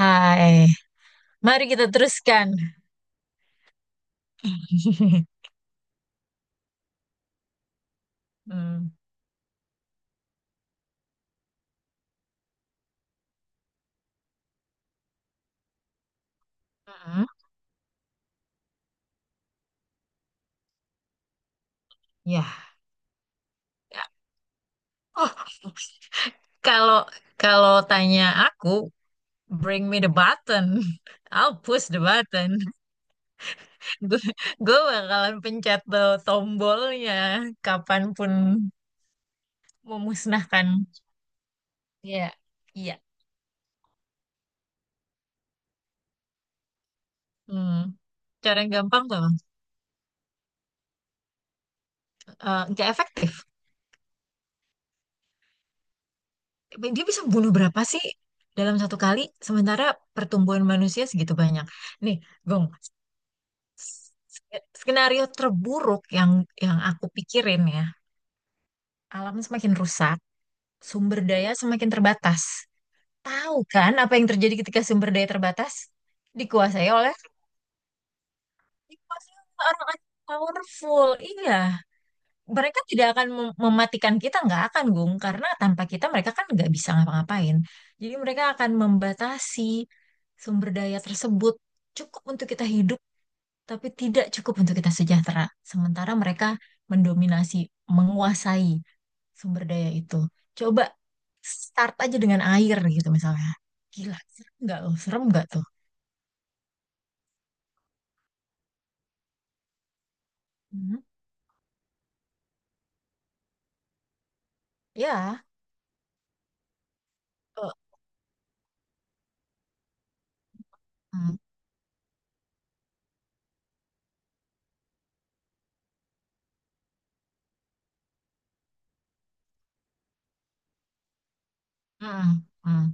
Hai, mari kita teruskan. Hmm. Mm-mm. Ya. Oh, kalau kalau tanya aku, bring me the button. I'll push the button. Gue gue bakalan pencet tuh tombolnya kapanpun memusnahkan. Iya, iya. Hmm. Cara yang gampang tuh, Bang. Nggak efektif. Dia bisa bunuh berapa sih dalam satu kali? Sementara pertumbuhan manusia segitu banyak. Nih, Gong. S- Skenario terburuk yang aku pikirin ya, alam semakin rusak, sumber daya semakin terbatas. Tahu kan apa yang terjadi ketika sumber daya terbatas? Dikuasai oleh Dikuasai oleh orang-orang yang powerful. Iya, mereka tidak akan mematikan kita, nggak akan Gung, karena tanpa kita mereka kan nggak bisa ngapa-ngapain. Jadi mereka akan membatasi sumber daya tersebut cukup untuk kita hidup tapi tidak cukup untuk kita sejahtera. Sementara mereka mendominasi, menguasai sumber daya itu. Coba start aja dengan air gitu misalnya. Gila, serem nggak loh? Serem nggak tuh? Hmm. Ya. eh, hmm. Hmm. Hmm.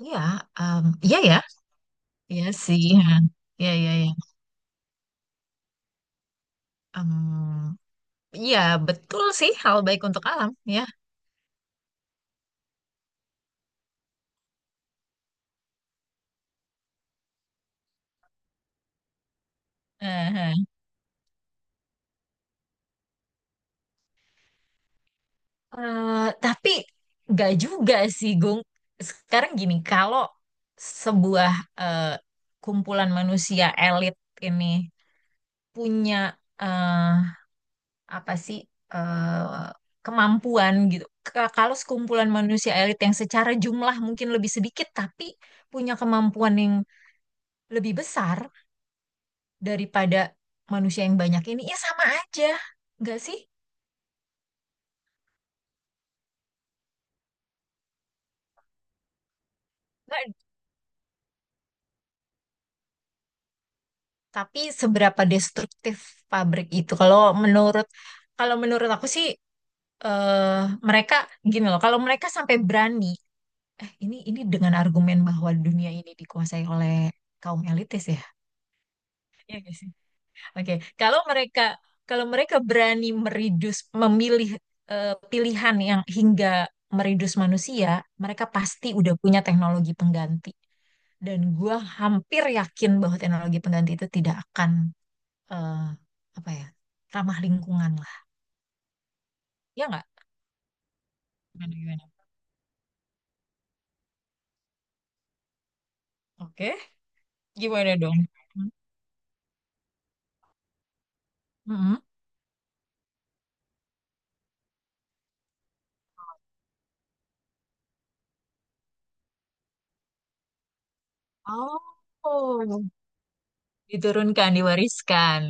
Iya, iya ya, iya sih, ha. Iya iya iya. Em, iya betul sih hal baik untuk alam ya. Eh, tapi nggak juga sih, Gung. Sekarang gini, kalau sebuah eh, kumpulan manusia elit ini punya eh, apa sih eh, kemampuan gitu. Kalau sekumpulan manusia elit yang secara jumlah mungkin lebih sedikit, tapi punya kemampuan yang lebih besar daripada manusia yang banyak ini, ya sama aja, nggak sih? Nggak. Tapi seberapa destruktif pabrik itu? Menurut Kalau menurut aku sih, eh mereka gini loh, kalau mereka sampai berani, ini dengan argumen bahwa dunia ini dikuasai oleh kaum elitis ya. Iya nggak sih? Oke, kalau mereka kalau mereka berani meridus memilih, pilihan yang hingga meridus manusia, mereka pasti udah punya teknologi pengganti. Dan gua hampir yakin bahwa teknologi pengganti itu tidak akan, eh, apa ya, ramah lingkungan lah, ya nggak. Gimana gimana? Oke, gimana dong? Mm-mm. Oh, diturunkan, diwariskan.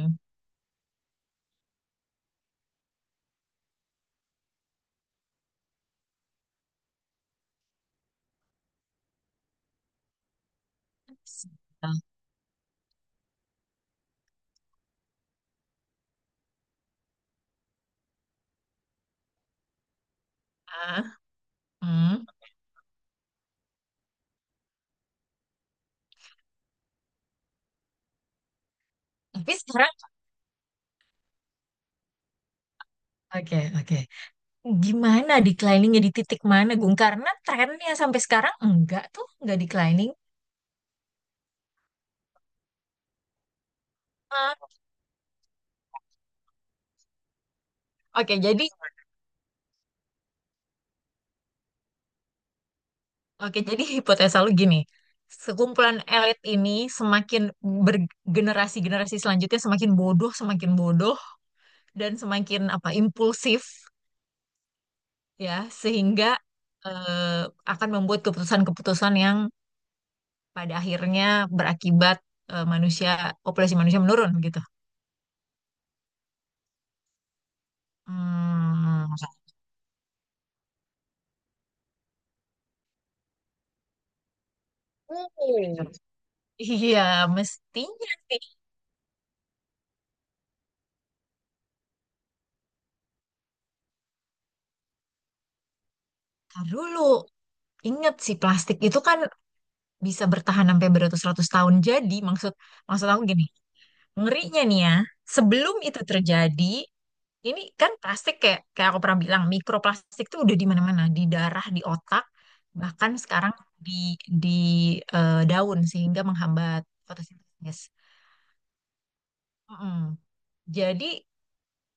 Ah, hmm. Tapi sekarang, oke, oke. Gimana decliningnya di titik mana, Gung? Karena trennya sampai sekarang enggak tuh, enggak declining. Ah. Oke, jadi hipotesa lu gini. Sekumpulan elit ini semakin bergenerasi-generasi selanjutnya semakin bodoh, dan semakin apa impulsif ya sehingga, eh, akan membuat keputusan-keputusan yang pada akhirnya berakibat, manusia populasi manusia menurun gitu. Hmm. Hmm. Iya, mestinya sih. Ntar dulu, inget sih plastik itu kan bisa bertahan sampai beratus-ratus tahun. Jadi maksud maksud aku gini, ngerinya nih ya, sebelum itu terjadi, ini kan plastik kayak kayak aku pernah bilang mikroplastik tuh udah di mana-mana, di darah, di otak, bahkan sekarang di di daun sehingga menghambat fotosintesis. Mm-mm. Jadi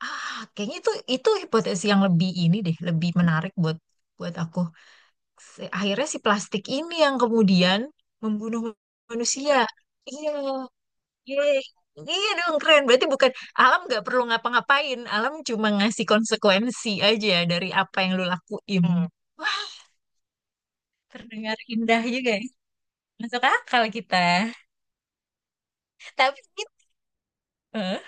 ah kayaknya itu hipotesis yang lebih ini deh, lebih menarik buat buat aku. Akhirnya si plastik ini yang kemudian membunuh manusia. Iya. Yeay. Iya dong keren. Berarti bukan alam nggak perlu ngapa-ngapain. Alam cuma ngasih konsekuensi aja dari apa yang lu lakuin. Hmm. Wah, terdengar indah juga ya. Masuk akal kita. Tapi gitu. Eh,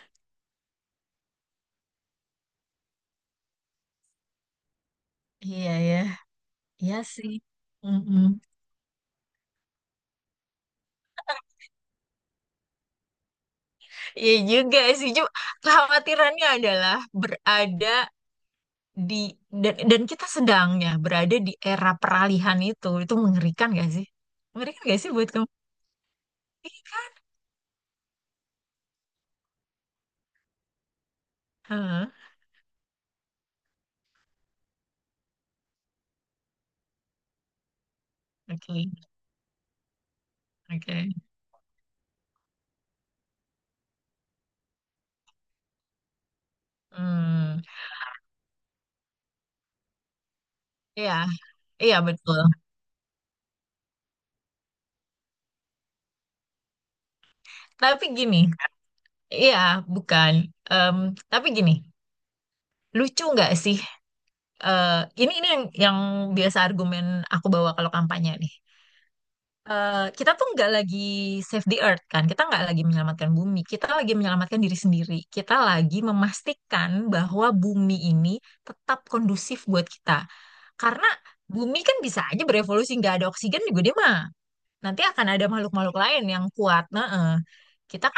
Iya ya. Iya sih. Mm-mm. Iya juga sih. Cuma kekhawatirannya adalah berada di dan kita sedangnya berada di era peralihan itu. Itu mengerikan gak sih? Mengerikan gak sih buat kamu? Hah. Oke, oke. Hmm. Iya, iya betul. Tapi gini, iya bukan. Em, tapi gini, lucu nggak sih? eh, ini yang biasa argumen aku bawa kalau kampanye nih. Eh, kita tuh nggak lagi save the earth kan? Kita nggak lagi menyelamatkan bumi. Kita lagi menyelamatkan diri sendiri. Kita lagi memastikan bahwa bumi ini tetap kondusif buat kita. Karena bumi kan bisa aja berevolusi nggak ada oksigen juga dia mah. Nanti akan ada makhluk-makhluk lain yang kuat. Nah, eh. Kita.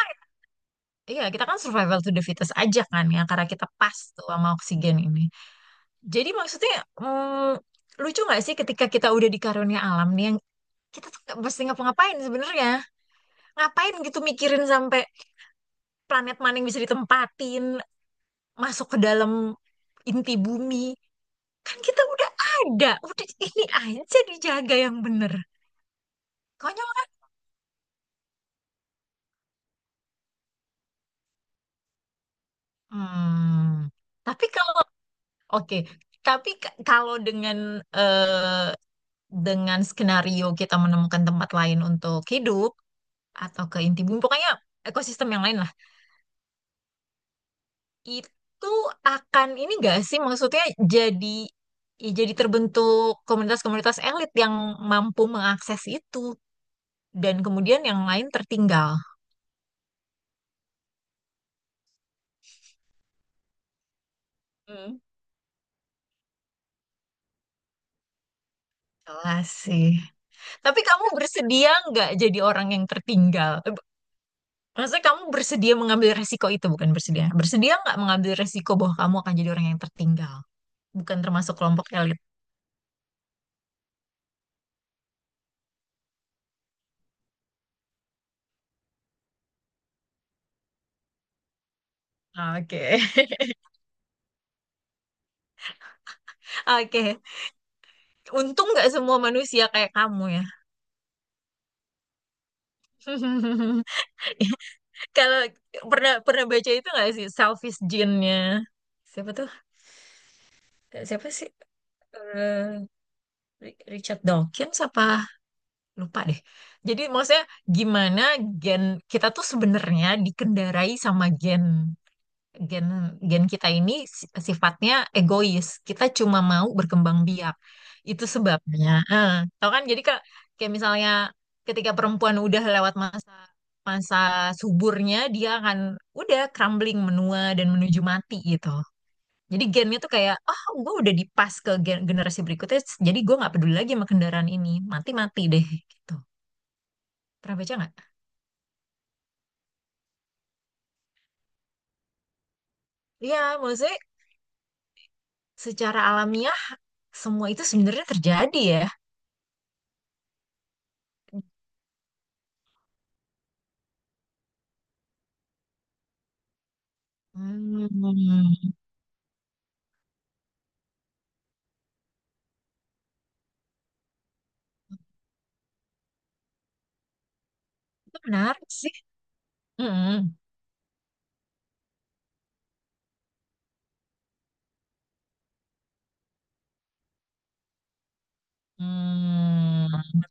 Iya, kita kan survival to the fittest aja kan ya, karena kita pas tuh sama oksigen ini. Jadi maksudnya, mm, lucu nggak sih ketika kita udah di karunia alam nih yang kita tuh nggak mesti ngapa-ngapain sebenarnya. Ngapain gitu mikirin sampai planet maning bisa ditempatin, masuk ke dalam inti bumi. Kan kita udah ada, udah ini aja dijaga yang bener. Konyol kan? Hmm. Tapi kalau oke, tapi kalau dengan, eh, dengan skenario kita menemukan tempat lain untuk hidup atau ke inti bumi, pokoknya ekosistem yang lain lah. Itu akan ini gak sih maksudnya jadi ya jadi terbentuk komunitas-komunitas elit yang mampu mengakses itu dan kemudian yang lain tertinggal. Hmm. Jelas sih. Tapi kamu bersedia nggak jadi orang yang tertinggal? Eh, maksudnya kamu bersedia mengambil resiko itu, bukan bersedia. Bersedia nggak mengambil resiko bahwa kamu akan jadi orang yang tertinggal? Bukan termasuk kelompok elit. Oke. Oke, untung nggak semua manusia kayak kamu ya. Kalau pernah pernah baca itu nggak sih selfish gene-nya? Siapa tuh? Eh, siapa sih? Eh, Richard Dawkins apa? Lupa deh. Jadi maksudnya gimana gen kita tuh sebenarnya dikendarai sama gen. Gen gen kita ini sifatnya egois. Kita cuma mau berkembang biak. Itu sebabnya. Eh, tahu kan? Jadi kayak, kayak misalnya ketika perempuan udah lewat masa masa suburnya, dia akan udah crumbling menua dan menuju mati gitu. Jadi gennya tuh kayak, oh gue udah dipas ke generasi berikutnya, jadi gue nggak peduli lagi sama kendaraan ini, mati-mati deh gitu. Pernah baca nggak? Iya, maksudnya secara alamiah semua itu sebenarnya terjadi ya. Hmm, itu menarik sih. Hmm. Hmm.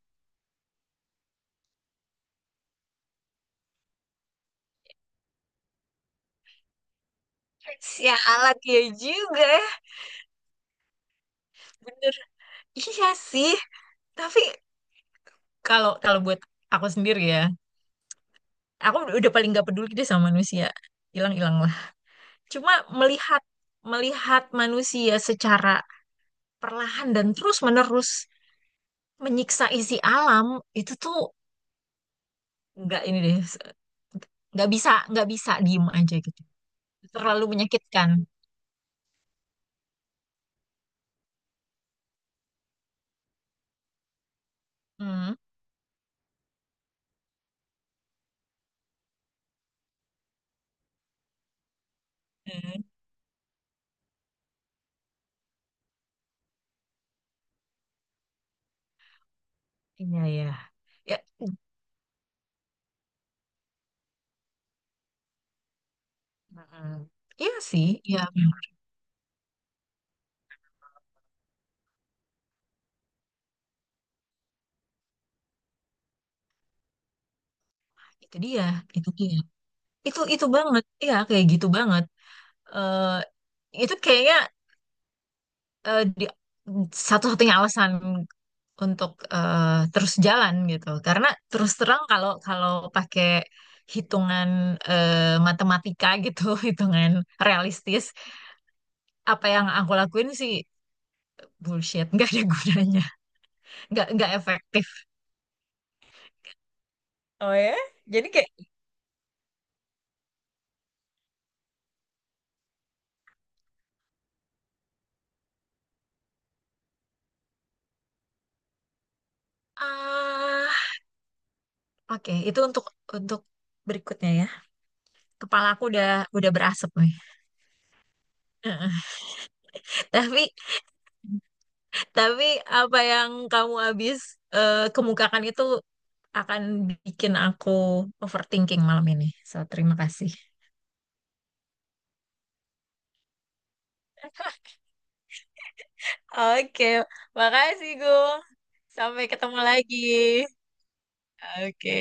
Sialan ya juga ya, bener. Iya sih, tapi kalau kalau buat aku sendiri ya, aku udah paling gak peduli deh sama manusia. Hilang-hilang lah. Cuma melihat melihat manusia secara perlahan dan terus-menerus menyiksa isi alam itu tuh nggak ini deh, nggak bisa diem aja gitu. Terlalu menyakitkan. Hmm. Iya ya. Ya, mm, iya sih, ya memang. Itu dia, itu dia. Itu banget, iya kayak gitu banget. Eh itu kayaknya di, satu-satunya alasan untuk terus jalan gitu. Karena terus terang kalau kalau pakai hitungan, eh, matematika gitu, hitungan realistis, apa yang aku lakuin sih bullshit, nggak ada gunanya, nggak efektif. Oh ya? Jadi kayak ah, oke, itu untuk untuk berikutnya ya. Kepala aku udah berasap nih. Tapi tapi apa yang kamu habis, kemukakan itu akan bikin aku overthinking malam ini. So, terima kasih. Oke, makasih Gu. Sampai ketemu lagi. Oke.